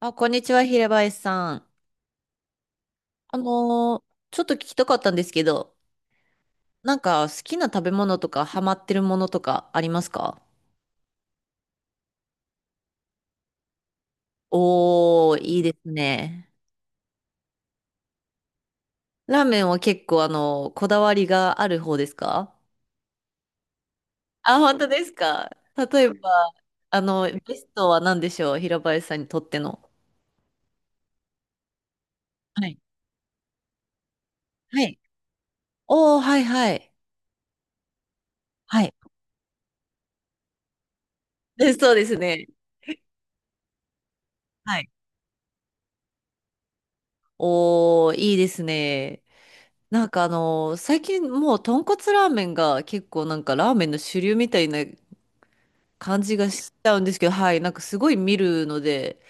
あ、こんにちは、平林さん。あのーちょっと聞きたかったんですけど、なんか好きな食べ物とかハマってるものとかありますか？おー、いいですね。ラーメンは結構こだわりがある方ですか？あ、本当ですか？例えば、あの、ベストは何でしょう、平林さんにとっての。はい。はい。おー、はいはい。はい。で、そうですね。はい。おー、いいですね。なんか最近もう豚骨ラーメンが結構なんかラーメンの主流みたいな感じがしちゃうんですけど、はい、なんかすごい見るので、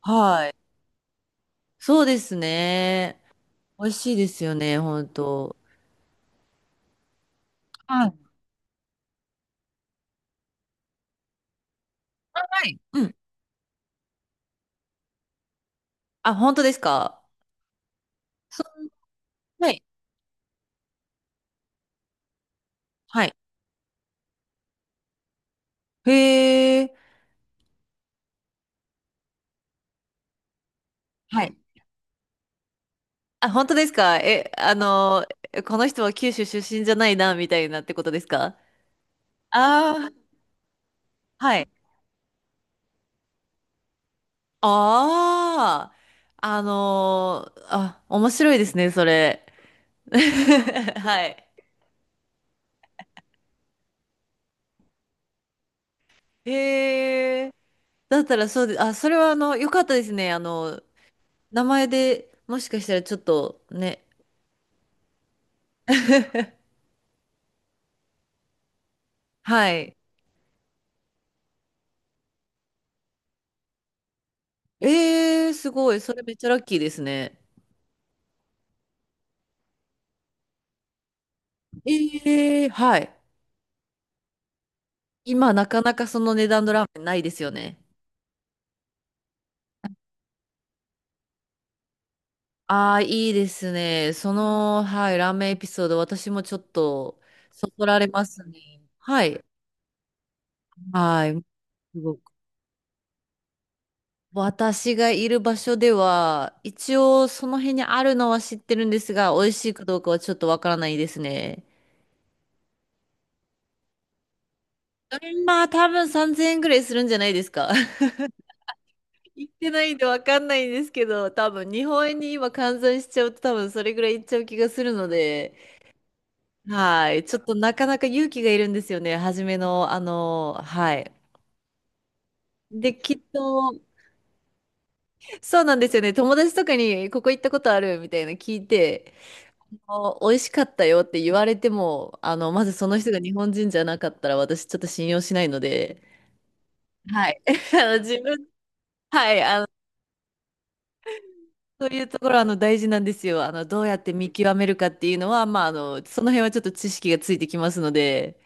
はい。そうですね。美味しいですよね、本当。はい。はい、うん。あ、本当ですか？そう、はい。はい。へえ。はい。あ、本当ですか？え、この人は九州出身じゃないな、みたいなってことですか？ああー、はい。ああ、面白いですね、それ。はい。へえ。だったらそうで、あ、それはあの、よかったですね。あの、名前でもしかしたらちょっとね。はい。ええ、すごい。それめっちゃラッキーですね。ええ、はい。今なかなかその値段のラーメンないですよね。ああ、いいですね。その、はい、ラーメンエピソード、私もちょっと、そそられますね。はい。はい。すごく私がいる場所では、一応その辺にあるのは知ってるんですが、美味しいかどうかはちょっとわからないですね。まあ多分3000円ぐらいするんじゃないですか。行ってないんでわかんないんですけど、多分日本円に今換算しちゃうと多分それぐらいいっちゃう気がするので、はい。ちょっとなかなか勇気がいるんですよね。初めの、あの、はい。で、きっと、そうなんですよね。友達とかにここ行ったことあるみたいな聞いて、あ、美味しかったよって言われても、あの、まずその人が日本人じゃなかったら私ちょっと信用しないので、はい。あの、自分、はい、あの、そういうところ、あの、大事なんですよ。あの、どうやって見極めるかっていうのは、まあ、あの、その辺はちょっと知識がついてきますので、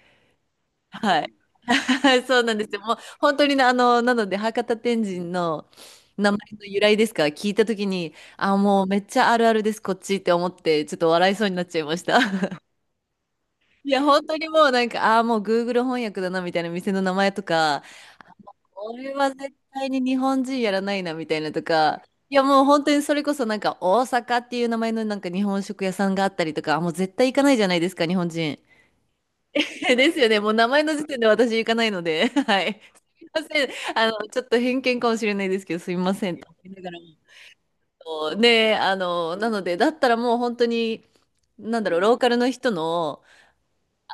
はい。はい、そうなんですよ。もう、本当にね、あの、なので、博多天神の名前の由来ですか、聞いたときに、あ、もうめっちゃあるあるです、こっちって思って、ちょっと笑いそうになっちゃいました。いや、本当にもうなんか、ああ、もう Google 翻訳だなみたいな店の名前とか、俺は絶対に日本人やらないなみたいなとか、いや、もう本当にそれこそなんか、大阪っていう名前のなんか日本食屋さんがあったりとか、あ、もう絶対行かないじゃないですか、日本人。ですよね、もう名前の時点で私行かないので、はい。すみません、あの、ちょっと偏見かもしれないですけど、すみませんと思いながらも。そうねえ、あの、なので、だったらもう本当に、なんだろう、ローカルの人の、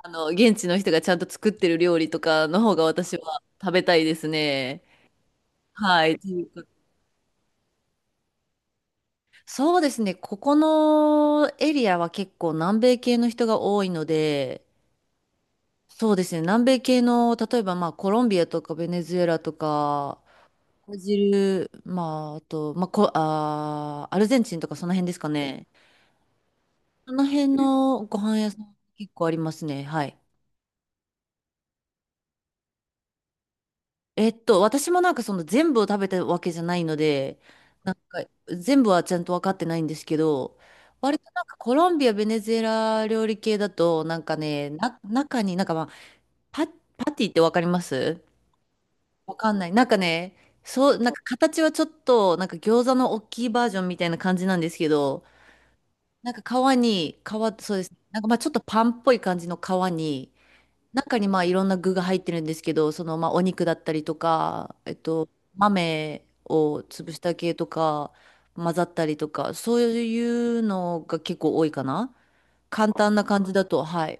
あの、現地の人がちゃんと作ってる料理とかの方が私は食べたいですね。はい。というか、そうですね。ここのエリアは結構南米系の人が多いので、そうですね。南米系の、例えばまあコロンビアとかベネズエラとか、ブラジル、まああと、まあ、こ、あー、アルゼンチンとかその辺ですかね。その辺のご飯屋さん結構ありますね。はい。私もなんかその全部を食べたわけじゃないので、なんか全部はちゃんと分かってないんですけど、割となんかコロンビア、ベネズエラ料理系だと、なんかね、中になんかまあ、パ、パティって分かりますわかんない。なんかね、そう、なんか形はちょっと、なんか餃子の大きいバージョンみたいな感じなんですけど、なんか皮、そうですね。なんかまあちょっとパンっぽい感じの皮に、中にまあいろんな具が入ってるんですけど、そのまあお肉だったりとか、豆を潰した系とか、混ざったりとか、そういうのが結構多いかな。簡単な感じだと、はい。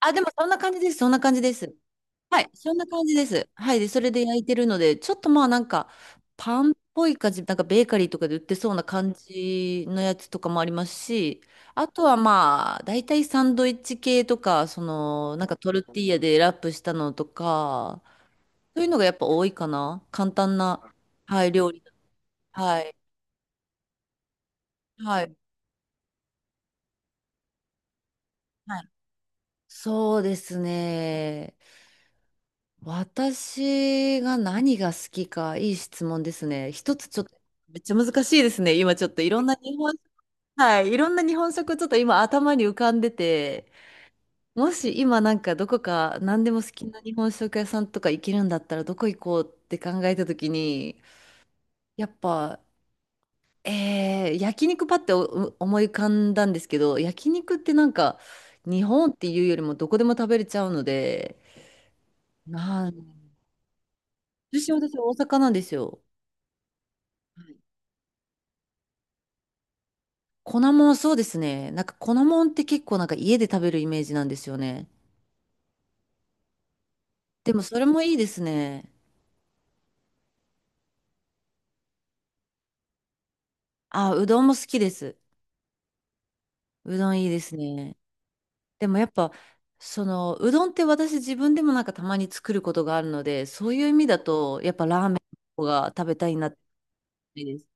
あ、でもそんな感じです、そんな感じです。はい、そんな感じです。はい、で、それで焼いてるので、ちょっとまあなんか、パンっぽい感じ、なんかベーカリーとかで売ってそうな感じのやつとかもありますし、あとはまあ、大体サンドイッチ系とか、その、なんかトルティーヤでラップしたのとか、そういうのがやっぱ多いかな。簡単な、はい、料理。はい、はい、はい。そうですね。私が何が好きか、いい質問ですね。一つちょっと、めっちゃ難しいですね。今ちょっといろんな日本、はい、いろんな日本食ちょっと今頭に浮かんでて、もし今なんかどこか何でも好きな日本食屋さんとか行けるんだったらどこ行こうって考えた時に、やっぱ、焼肉パってお思い浮かんだんですけど、焼肉ってなんか日本っていうよりもどこでも食べれちゃうので、なん、私大阪なんですよ。粉もん、そうですね。なんか粉もんって結構なんか家で食べるイメージなんですよね。でもそれもいいですね。あ、うどんも好きです。うどんいいですね。でもやっぱ、その、うどんって私自分でもなんかたまに作ることがあるので、そういう意味だと、やっぱラーメンの方が食べたいなって感じです。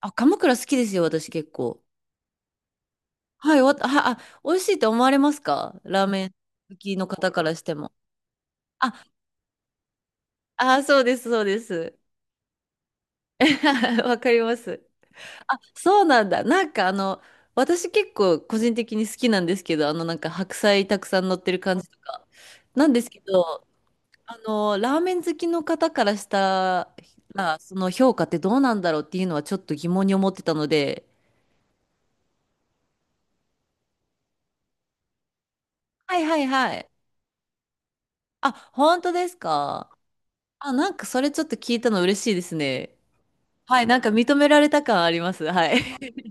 あ、鎌倉好きですよ、私結構。はい、わ、あ、あ、美味しいと思われますか、ラーメン好きの方からしても。あ、あ、そうです、そうです。わかります。あ、そうなんだ。なんかあの、私結構個人的に好きなんですけど、あのなんか白菜たくさん乗ってる感じとか。なんですけど、あの、ラーメン好きの方からしたら、その評価ってどうなんだろうっていうのはちょっと疑問に思ってたので。はいはいはい。あ、本当ですか？あ、なんかそれちょっと聞いたの嬉しいですね。はい、なんか認められた感あります。はい。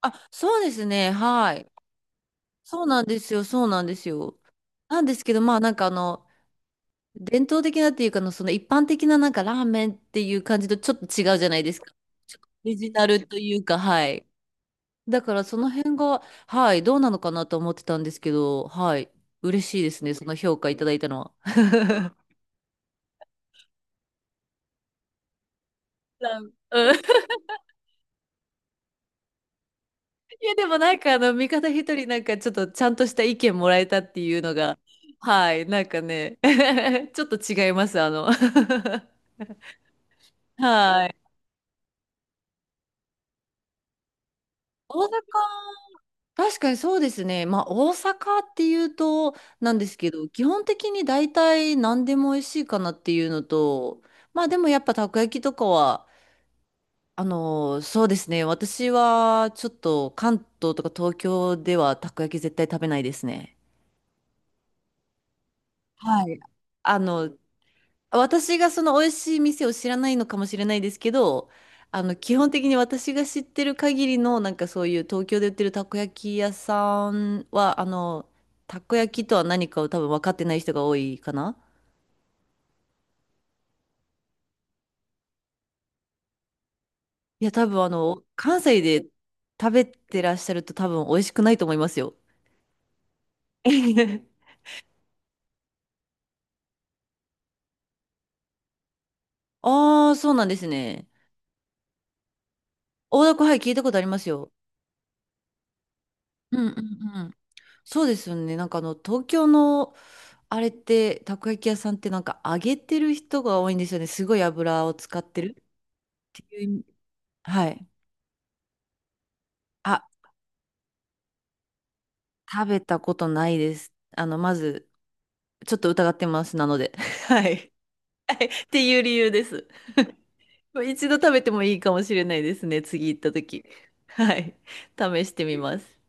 あ、そうですね。はい。そうなんですよ。そうなんですよ。なんですけど、まあなんかあの、伝統的なっていうかの、その一般的ななんかラーメンっていう感じとちょっと違うじゃないですか。ちょっとオリジナルというか、はい。だからその辺が、はい、どうなのかなと思ってたんですけど、はい。嬉しいですね、その評価いただいたのは。ラーメン、うん。いや、でもなんかあの、味方一人なんかちょっとちゃんとした意見もらえたっていうのが、はい、なんかね、ちょっと違います、あの。はい。大阪、確かにそうですね。まあ、大阪っていうと、なんですけど、基本的に大体何でも美味しいかなっていうのと、まあでもやっぱたこ焼きとかは、あのそうですね。私はちょっと関東とか東京ではたこ焼き絶対食べないですね。はい。あの、私がその美味しい店を知らないのかもしれないですけど、あの、基本的に私が知ってる限りの、なんかそういう東京で売ってるたこ焼き屋さんは、あの、たこ焼きとは何かを多分分かってない人が多いかな。いや、多分あの、関西で食べてらっしゃると多分美味しくないと思いますよ。ああ、そうなんですね。大凧、はい、聞いたことありますよ。うんうん、そうですよね。なんかあの、東京の、あれって、たこ焼き屋さんってなんか揚げてる人が多いんですよね。すごい油を使ってるっていう意味。はい。あ、食べたことないです。あの、まず、ちょっと疑ってます。なので。はい。はいっていう理由です。一度食べてもいいかもしれないですね。次行った時。はい。試してみます。